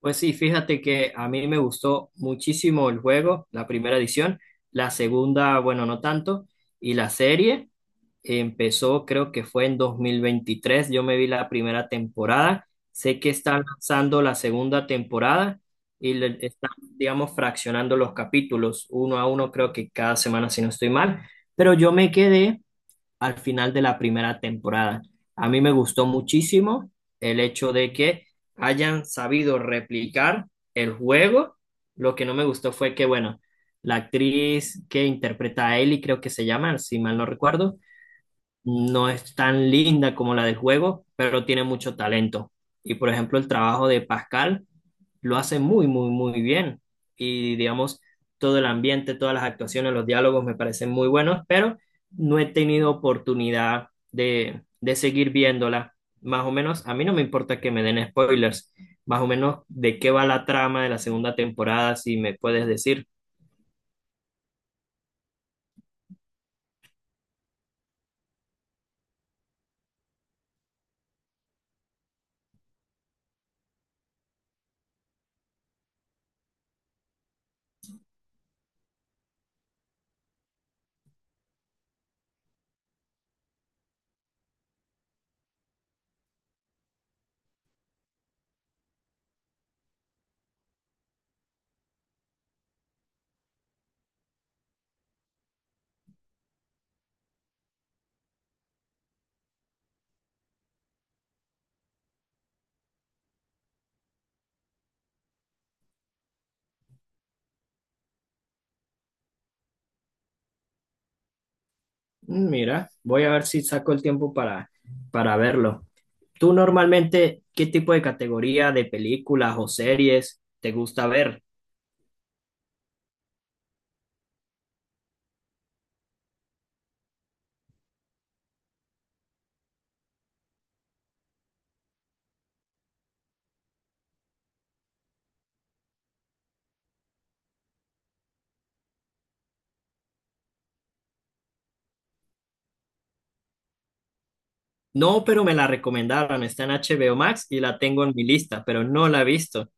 Pues sí, fíjate que a mí me gustó muchísimo el juego, la primera edición, la segunda, bueno, no tanto, y la serie empezó, creo que fue en 2023. Yo me vi la primera temporada, sé que están lanzando la segunda temporada y le están, digamos, fraccionando los capítulos uno a uno, creo que cada semana, si no estoy mal, pero yo me quedé al final de la primera temporada. A mí me gustó muchísimo el hecho de que hayan sabido replicar el juego. Lo que no me gustó fue que, bueno, la actriz que interpreta a Ellie, creo que se llama, si mal no recuerdo, no es tan linda como la del juego, pero tiene mucho talento. Y por ejemplo, el trabajo de Pascal lo hace muy, muy, muy bien. Y digamos, todo el ambiente, todas las actuaciones, los diálogos me parecen muy buenos, pero no he tenido oportunidad de seguir viéndola. Más o menos, a mí no me importa que me den spoilers, más o menos de qué va la trama de la segunda temporada, si me puedes decir. Mm, mira, voy a ver si saco el tiempo para verlo. ¿Tú normalmente qué tipo de categoría de películas o series te gusta ver? No, pero me la recomendaron, está en HBO Max y la tengo en mi lista, pero no la he visto.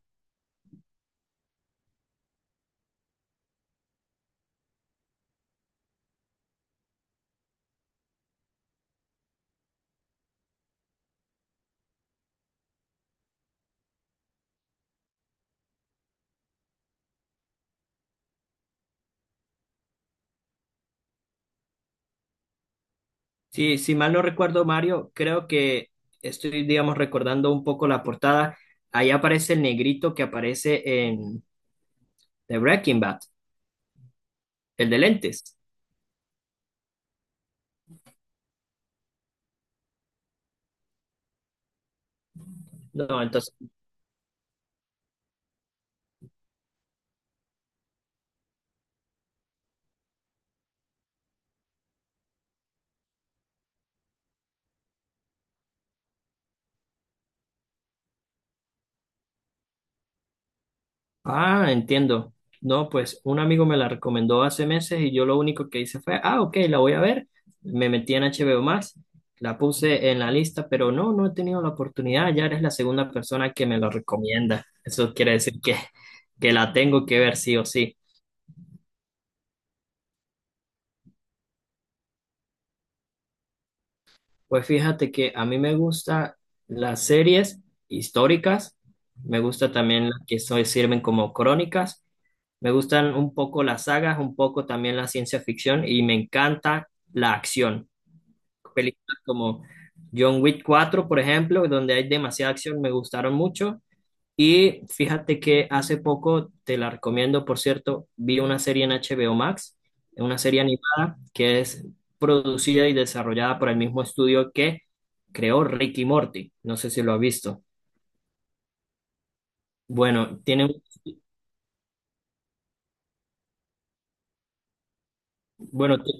Sí, si mal no recuerdo, Mario, creo que estoy, digamos, recordando un poco la portada. Ahí aparece el negrito que aparece en The Breaking Bad, el de lentes. No, entonces ah, entiendo. No, pues un amigo me la recomendó hace meses y yo lo único que hice fue, ah, ok, la voy a ver. Me metí en HBO Max, la puse en la lista, pero no, no he tenido la oportunidad. Ya eres la segunda persona que me lo recomienda. Eso quiere decir que la tengo que ver sí o sí. Pues fíjate que a mí me gustan las series históricas, me gusta también las que so- sirven como crónicas. Me gustan un poco las sagas, un poco también la ciencia ficción y me encanta la acción. Películas como John Wick 4, por ejemplo, donde hay demasiada acción, me gustaron mucho. Y fíjate que hace poco, te la recomiendo, por cierto, vi una serie en HBO Max, una serie animada que es producida y desarrollada por el mismo estudio que creó Rick y Morty. No sé si lo has visto. Bueno, tiene. Bueno, te,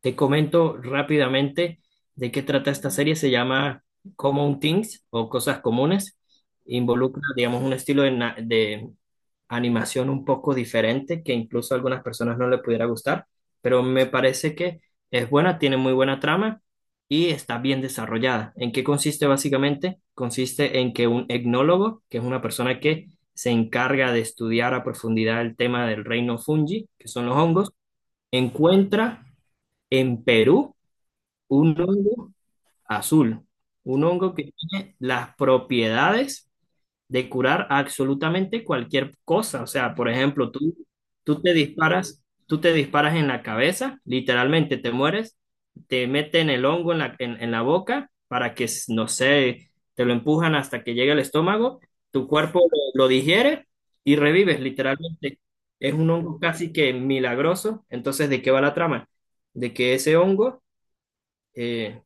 te comento rápidamente de qué trata esta serie. Se llama Common Things o Cosas Comunes. Involucra, digamos, un estilo de, na- de animación un poco diferente que incluso a algunas personas no le pudiera gustar, pero me parece que es buena, tiene muy buena trama y está bien desarrollada. ¿En qué consiste básicamente? Consiste en que un etnólogo, que es una persona que se encarga de estudiar a profundidad el tema del reino fungi, que son los hongos, encuentra en Perú, un hongo azul, un hongo que tiene las propiedades de curar absolutamente cualquier cosa. O sea, por ejemplo, tú te disparas, tú te disparas en la cabeza, literalmente te mueres, te meten el hongo en en la boca para que, no sé, te lo empujan hasta que llegue al estómago, tu cuerpo lo digiere y revives, literalmente. Es un hongo casi que milagroso. Entonces, ¿de qué va la trama? De que ese hongo eh,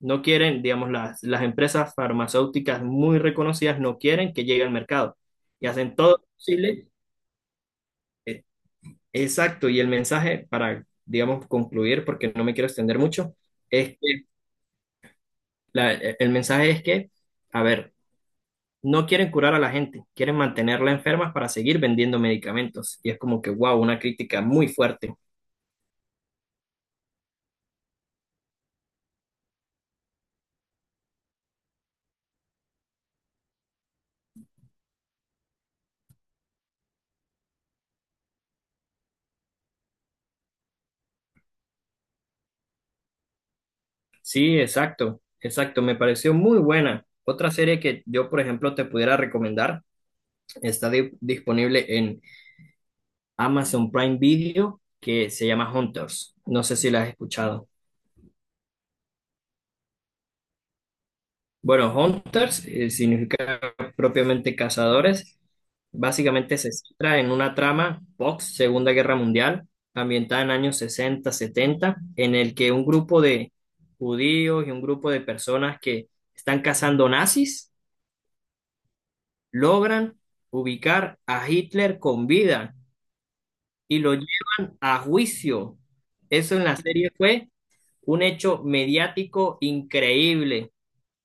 no quieren, digamos, las empresas farmacéuticas muy reconocidas no quieren que llegue al mercado y hacen todo lo posible. eh, exacto, y el mensaje para, digamos, concluir, porque no me quiero extender mucho, es que el mensaje es que, a ver, no quieren curar a la gente, quieren mantenerla enferma para seguir vendiendo medicamentos. Y es como que, wow, una crítica muy fuerte. Sí, exacto, exacto, me pareció muy buena. Otra serie que yo, por ejemplo, te pudiera recomendar. Está di- disponible en Amazon Prime Video, que se llama Hunters. No sé si la has escuchado. Bueno, Hunters significa propiamente cazadores. Básicamente se centra en una trama post Segunda Guerra Mundial, ambientada en años 60, 70, en el que un grupo de judíos y un grupo de personas que están cazando nazis logran ubicar a Hitler con vida y lo llevan a juicio. Eso en la serie fue un hecho mediático increíble.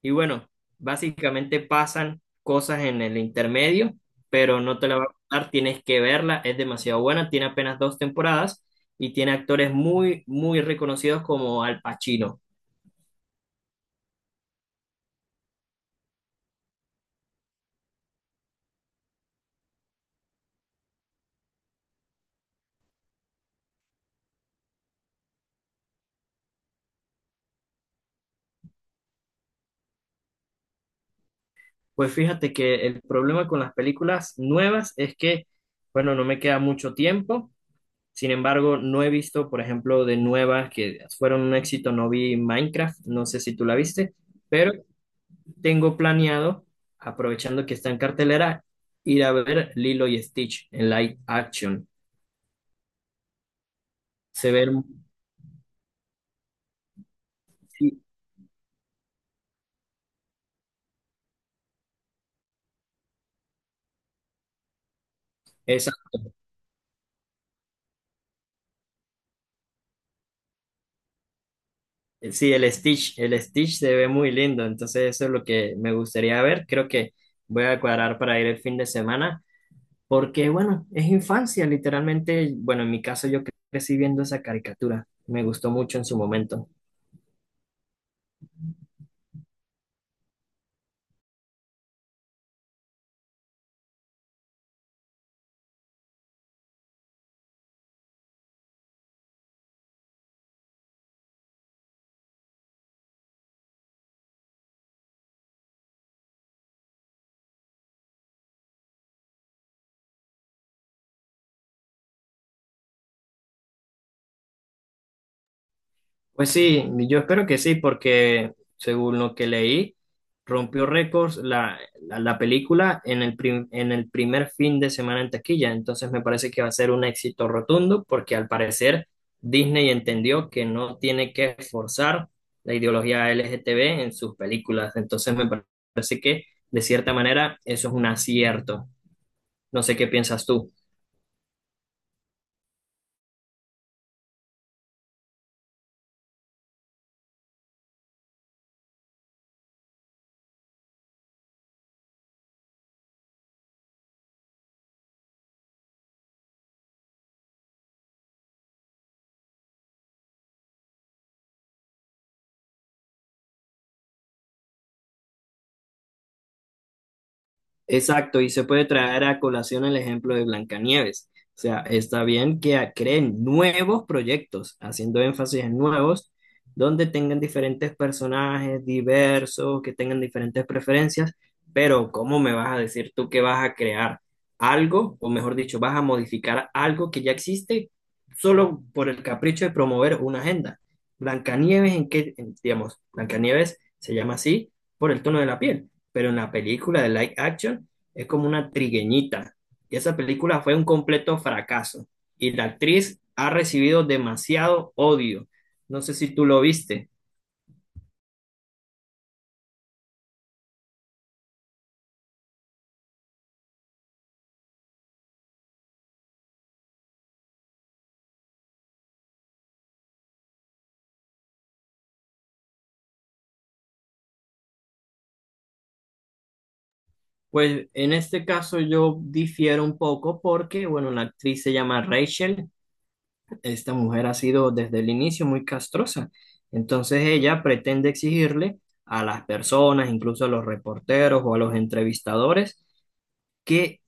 Y bueno, básicamente pasan cosas en el intermedio, pero no te la voy a contar, tienes que verla, es demasiado buena, tiene apenas dos temporadas y tiene actores muy, muy reconocidos como Al Pacino. Pues fíjate que el problema con las películas nuevas es que, bueno, no me queda mucho tiempo. Sin embargo, no he visto, por ejemplo, de nuevas que fueron un éxito, no vi Minecraft, no sé si tú la viste, pero tengo planeado, aprovechando que está en cartelera, ir a ver Lilo y Stitch en live action. Se ve, herm- sí, exacto. Sí, el Stitch se ve muy lindo, entonces eso es lo que me gustaría ver. Creo que voy a cuadrar para ir el fin de semana, porque bueno, es infancia, literalmente. Bueno, en mi caso yo cre- crecí viendo esa caricatura, me gustó mucho en su momento. Pues sí, yo espero que sí, porque según lo que leí, rompió récords la película en en el primer fin de semana en taquilla. Entonces me parece que va a ser un éxito rotundo, porque al parecer Disney entendió que no tiene que forzar la ideología LGTB en sus películas. Entonces me parece que, de cierta manera, eso es un acierto. No sé qué piensas tú. Exacto, y se puede traer a colación el ejemplo de Blancanieves. O sea, está bien que a- creen nuevos proyectos, haciendo énfasis en nuevos, donde tengan diferentes personajes diversos, que tengan diferentes preferencias, pero ¿cómo me vas a decir tú que vas a crear algo, o mejor dicho, vas a modificar algo que ya existe solo por el capricho de promover una agenda? Blancanieves, ¿en qué, en- digamos, Blancanieves se llama así por el tono de la piel, pero en la película de live action es como una trigueñita. Y esa película fue un completo fracaso. Y la actriz ha recibido demasiado odio. No sé si tú lo viste. Pues en este caso yo difiero un poco porque, bueno, la actriz se llama Rachel. Esta mujer ha sido desde el inicio muy castrosa. Entonces ella pretende exigirle a las personas, incluso a los reporteros o a los entrevistadores, que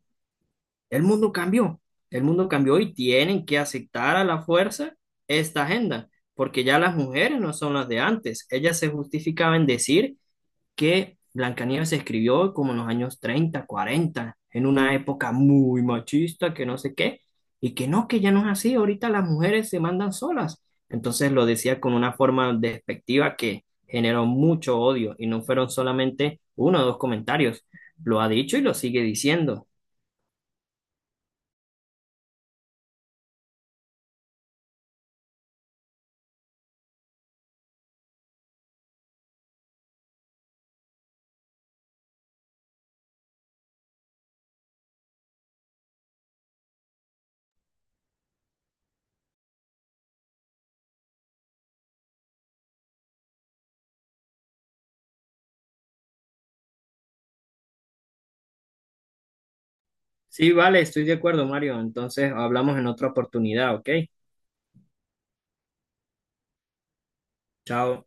el mundo cambió, el mundo cambió y tienen que aceptar a la fuerza esta agenda, porque ya las mujeres no son las de antes. Ellas se justificaban decir que Blancanieves se escribió como en los años 30, 40, en una época muy machista, que no sé qué, y que no, que ya no es así. Ahorita las mujeres se mandan solas. Entonces lo decía con una forma despectiva que generó mucho odio y no fueron solamente uno o dos comentarios. Lo ha dicho y lo sigue diciendo. Sí, vale, estoy de acuerdo, Mario. Entonces hablamos en otra oportunidad, ¿ok? Chao.